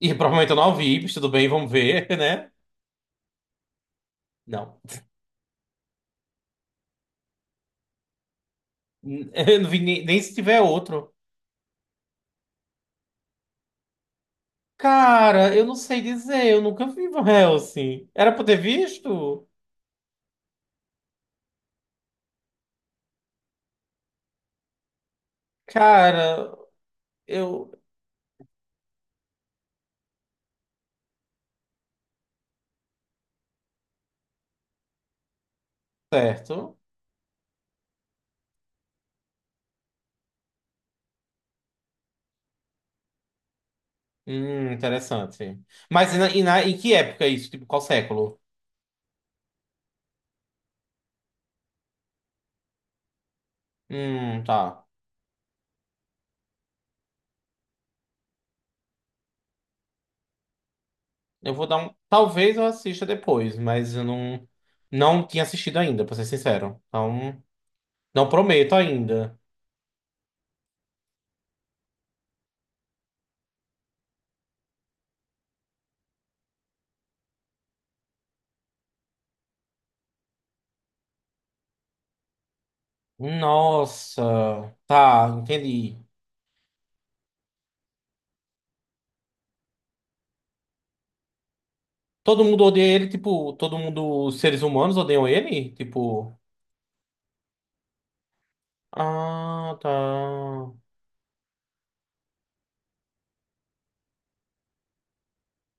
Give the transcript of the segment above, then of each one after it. E provavelmente eu não vi, mas tudo bem, vamos ver, né? Não. Eu não vi nem se tiver outro. Cara, eu não sei dizer, eu nunca vi Van Helsing. Era pra eu ter visto? Cara, eu. Certo. Interessante. Mas em que época é isso? Tipo, qual século? Tá. Eu vou dar um. Talvez eu assista depois, mas eu não. Não tinha assistido ainda, pra ser sincero. Então, não prometo ainda. Nossa. Tá, entendi. Todo mundo odeia ele, tipo, todo mundo, os seres humanos odeiam ele? Tipo, ah, tá.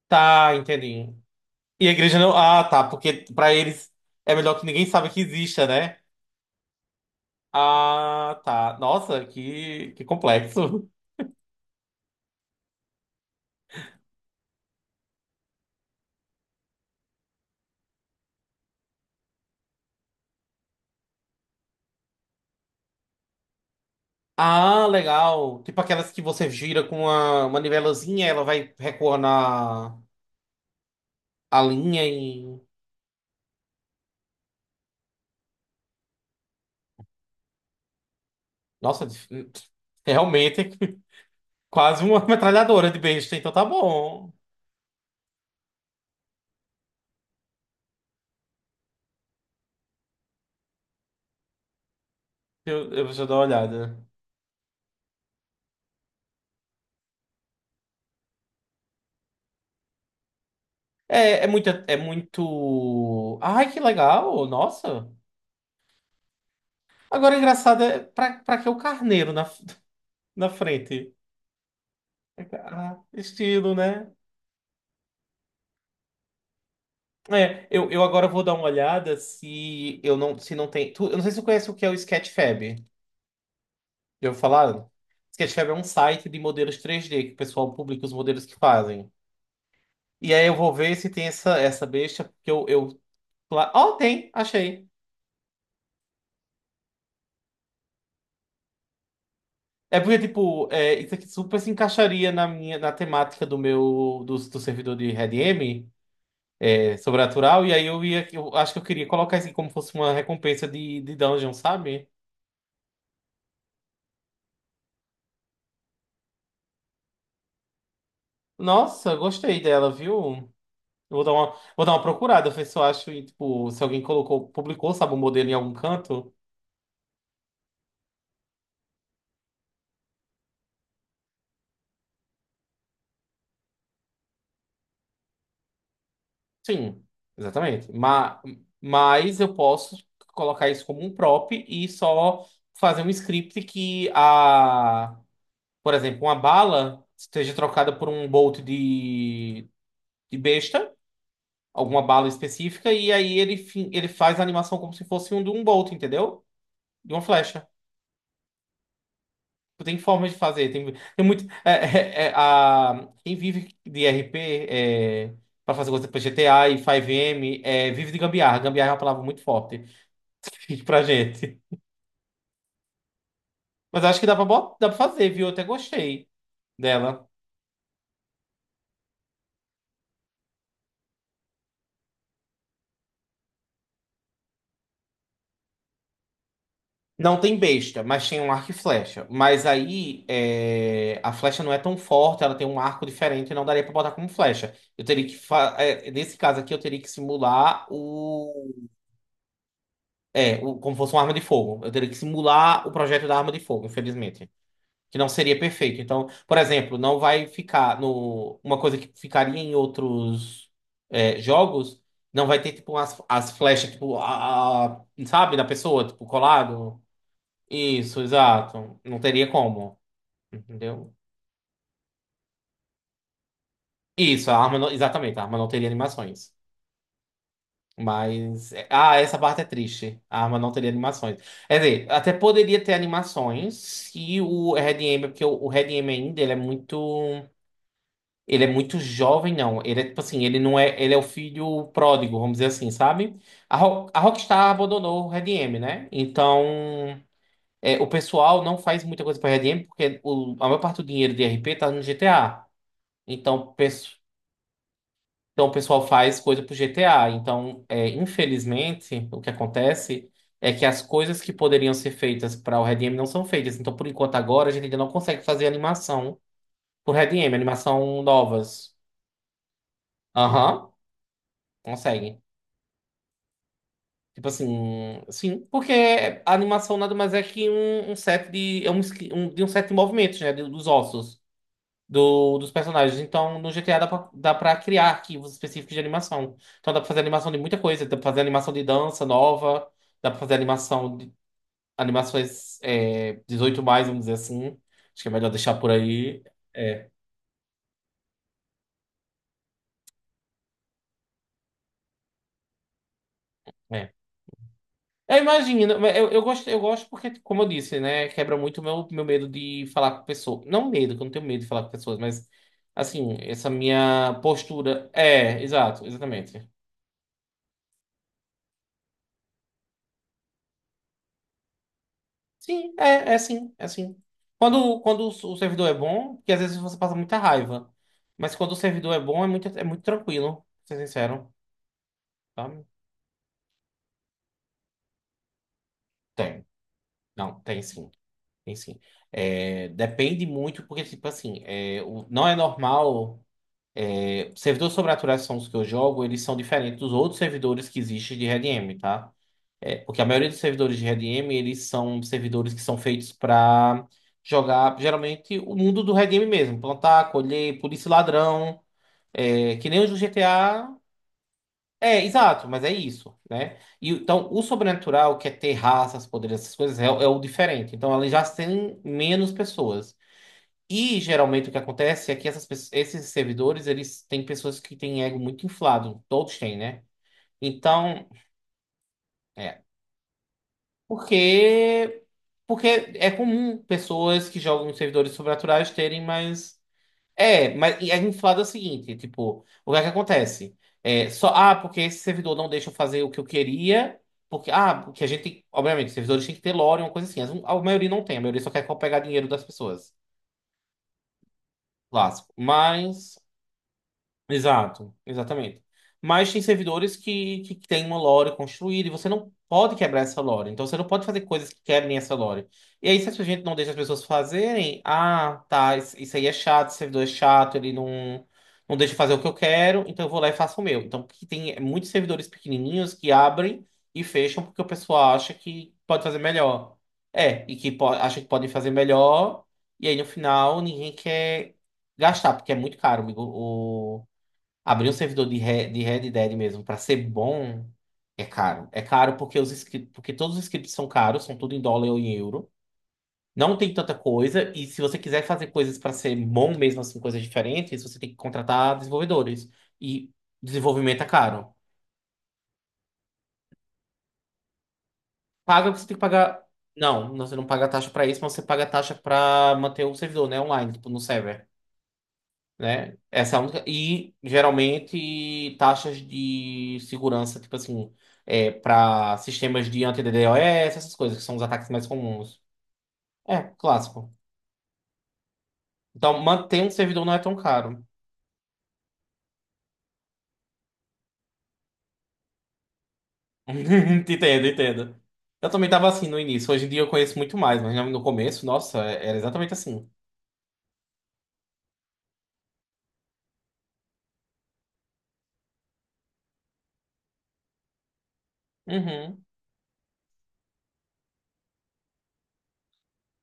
Tá, entendi. E a igreja não. Ah, tá, porque pra eles é melhor que ninguém saiba que exista, né? Ah, tá. Nossa, que complexo. Ah, legal. Tipo aquelas que você gira com uma manivelazinha, ela vai recuar na a linha e. Nossa, é realmente quase uma metralhadora de besta, então tá bom. Eu vou dar uma olhada. É muito, é muito. Ai, que legal! Nossa! Agora, engraçado, é pra que o carneiro na, na frente? Ah, estilo, né? É, eu agora vou dar uma olhada se eu não, se não tem. Eu não sei se você conhece o que é o Sketchfab. Já ouviu falar? Sketchfab é um site de modelos 3D que o pessoal publica os modelos que fazem. E aí eu vou ver se tem essa besta, porque eu... Oh, tem! Achei! É porque, tipo, é, isso aqui super se encaixaria na minha, na temática do meu, do servidor de RedM, é, sobrenatural, e aí eu ia, eu acho que eu queria colocar isso aqui como fosse uma recompensa de dungeon, sabe? Nossa, gostei dela, viu? Eu vou dar uma, vou dar uma procurada, ver se eu acho, e, tipo, se alguém colocou, publicou, sabe, o modelo em algum canto. Sim, exatamente. Mas eu posso colocar isso como um prop e só fazer um script que a por exemplo, uma bala seja trocada por um bolt de besta, alguma bala específica, e aí ele faz a animação como se fosse um de um bolt, entendeu? De uma flecha. Tem formas de fazer, tem muito. Quem vive de RP, é, para fazer coisa para GTA e 5M, vive de gambiarra. Gambiarra é uma palavra muito forte pra gente. Mas acho que dá pra fazer, viu? Eu até gostei dela. Não tem besta, mas tem um arco e flecha. Mas aí é, a flecha não é tão forte, ela tem um arco diferente, não daria pra botar como flecha. Eu teria que fa- é, Nesse caso aqui eu teria que simular o como fosse uma arma de fogo. Eu teria que simular o projeto da arma de fogo, infelizmente, que não seria perfeito. Então, por exemplo, não vai ficar no uma coisa que ficaria em outros jogos, não vai ter tipo as flechas tipo sabe, da pessoa, tipo colado. Isso, exato. Não teria como, entendeu? Isso, a arma não, exatamente, a arma não teria animações. Mas, essa parte é triste. A arma não teria animações. Quer dizer, até poderia ter animações se o Red M porque o Red M ainda, ele é muito jovem, não. Ele é tipo assim, ele não é, ele é o filho pródigo, vamos dizer assim, sabe? A Rockstar abandonou o Red M, né? Então, o pessoal não faz muita coisa para Red M porque a maior parte do dinheiro de RP tá no GTA. Então, então o pessoal faz coisa pro GTA. Então, infelizmente, o que acontece é que as coisas que poderiam ser feitas para o Red Em não são feitas. Então, por enquanto, agora a gente ainda não consegue fazer animação pro Red Em, animação novas. Aham, consegue. Tipo assim, sim, porque a animação nada mais é que um set de, de um set de movimentos, né? Dos ossos. dos personagens. Então, no GTA dá pra criar arquivos específicos de animação. Então, dá pra fazer animação de muita coisa. Dá pra fazer animação de dança nova, dá pra fazer animação de animações 18 mais, vamos dizer assim. Acho que é melhor deixar por aí. É, é. Eu imagino, mas eu gosto, eu gosto porque, como eu disse, né, quebra muito o meu medo de falar com pessoas. Não medo, que eu não tenho medo de falar com pessoas, mas, assim, essa minha postura. É, exato, exatamente. Sim, é sim, é sim. Quando o servidor é bom, porque às vezes você passa muita raiva. Mas quando o servidor é bom, é muito tranquilo, pra ser sincero, sabe? Tem. Não, tem sim. Tem sim. É, depende muito, porque, tipo assim, não é normal. Servidores sobre atualizações que eu jogo, eles são diferentes dos outros servidores que existem de RedM, tá? É, porque a maioria dos servidores de RedM, eles são servidores que são feitos para jogar, geralmente, o mundo do RedM mesmo. Plantar, colher, polícia e ladrão, que nem os do GTA. É, exato, mas é isso, né? E, então, o sobrenatural, que é ter raças, poderes, essas coisas, é o diferente. Então, ela já tem menos pessoas. E geralmente o que acontece é que esses servidores, eles têm pessoas que têm ego muito inflado. Todos têm, né? Então, é. Porque, porque é comum pessoas que jogam em servidores sobrenaturais terem mais. É, mas e é inflado é o seguinte, tipo, o que é que acontece? É, só, ah, porque esse servidor não deixa eu fazer o que eu queria, porque, ah, porque a gente tem, obviamente, servidores têm que ter lore, uma coisa assim, A maioria não tem, a maioria só quer pegar dinheiro das pessoas, clássico, mas... Exato, exatamente. Mas tem servidores que têm uma lore construída e você não pode quebrar essa lore. Então você não pode fazer coisas que quebrem essa lore. E aí, se a gente não deixa as pessoas fazerem, ah, tá, isso aí é chato, esse servidor é chato, ele não deixa eu fazer o que eu quero, então eu vou lá e faço o meu. Então que tem muitos servidores pequenininhos que abrem e fecham porque o pessoal acha que pode fazer melhor. É, e acha que podem fazer melhor, e aí no final ninguém quer gastar, porque é muito caro, amigo. Abrir um servidor de Red Dead mesmo pra ser bom é caro. É caro porque os scripts, porque todos os scripts são caros, são tudo em dólar ou em euro. Não tem tanta coisa, e se você quiser fazer coisas pra ser bom mesmo assim, coisas diferentes, você tem que contratar desenvolvedores. E desenvolvimento é caro. Paga, você tem que pagar. Não, você não paga taxa pra isso, mas você paga taxa pra manter o servidor, né, online, tipo, no server. Né? Essa é a única. E geralmente taxas de segurança, tipo assim, para sistemas de anti-DDoS, essas coisas, que são os ataques mais comuns. É, clássico. Então, manter um servidor não é tão caro. Entendo, entendo. Eu também tava assim no início. Hoje em dia eu conheço muito mais, mas no começo, nossa, era exatamente assim. Uhum.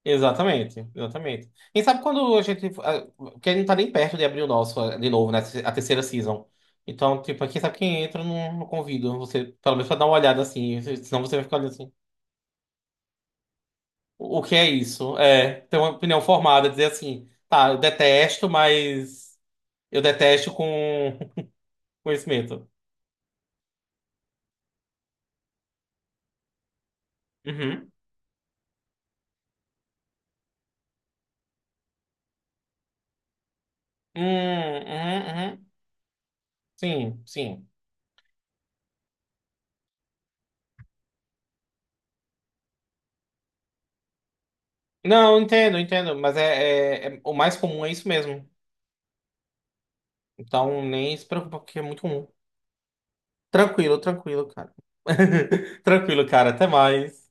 Exatamente, exatamente. E sabe quando a gente. Porque a gente não tá nem perto de abrir o nosso de novo, né? A terceira season. Então, tipo, quem sabe quem entra, eu não convido você, pelo menos pra dar uma olhada assim. Senão você vai ficar olhando assim. O que é isso? É, ter uma opinião formada, dizer assim, tá, eu detesto, mas eu detesto com conhecimento. Uhum. Uhum, uhum. Sim, sim. Não, entendo, entendo, mas o mais comum é isso mesmo. Então, nem se preocupa, porque é muito comum. Tranquilo, tranquilo, cara. Tranquilo, cara. Até mais.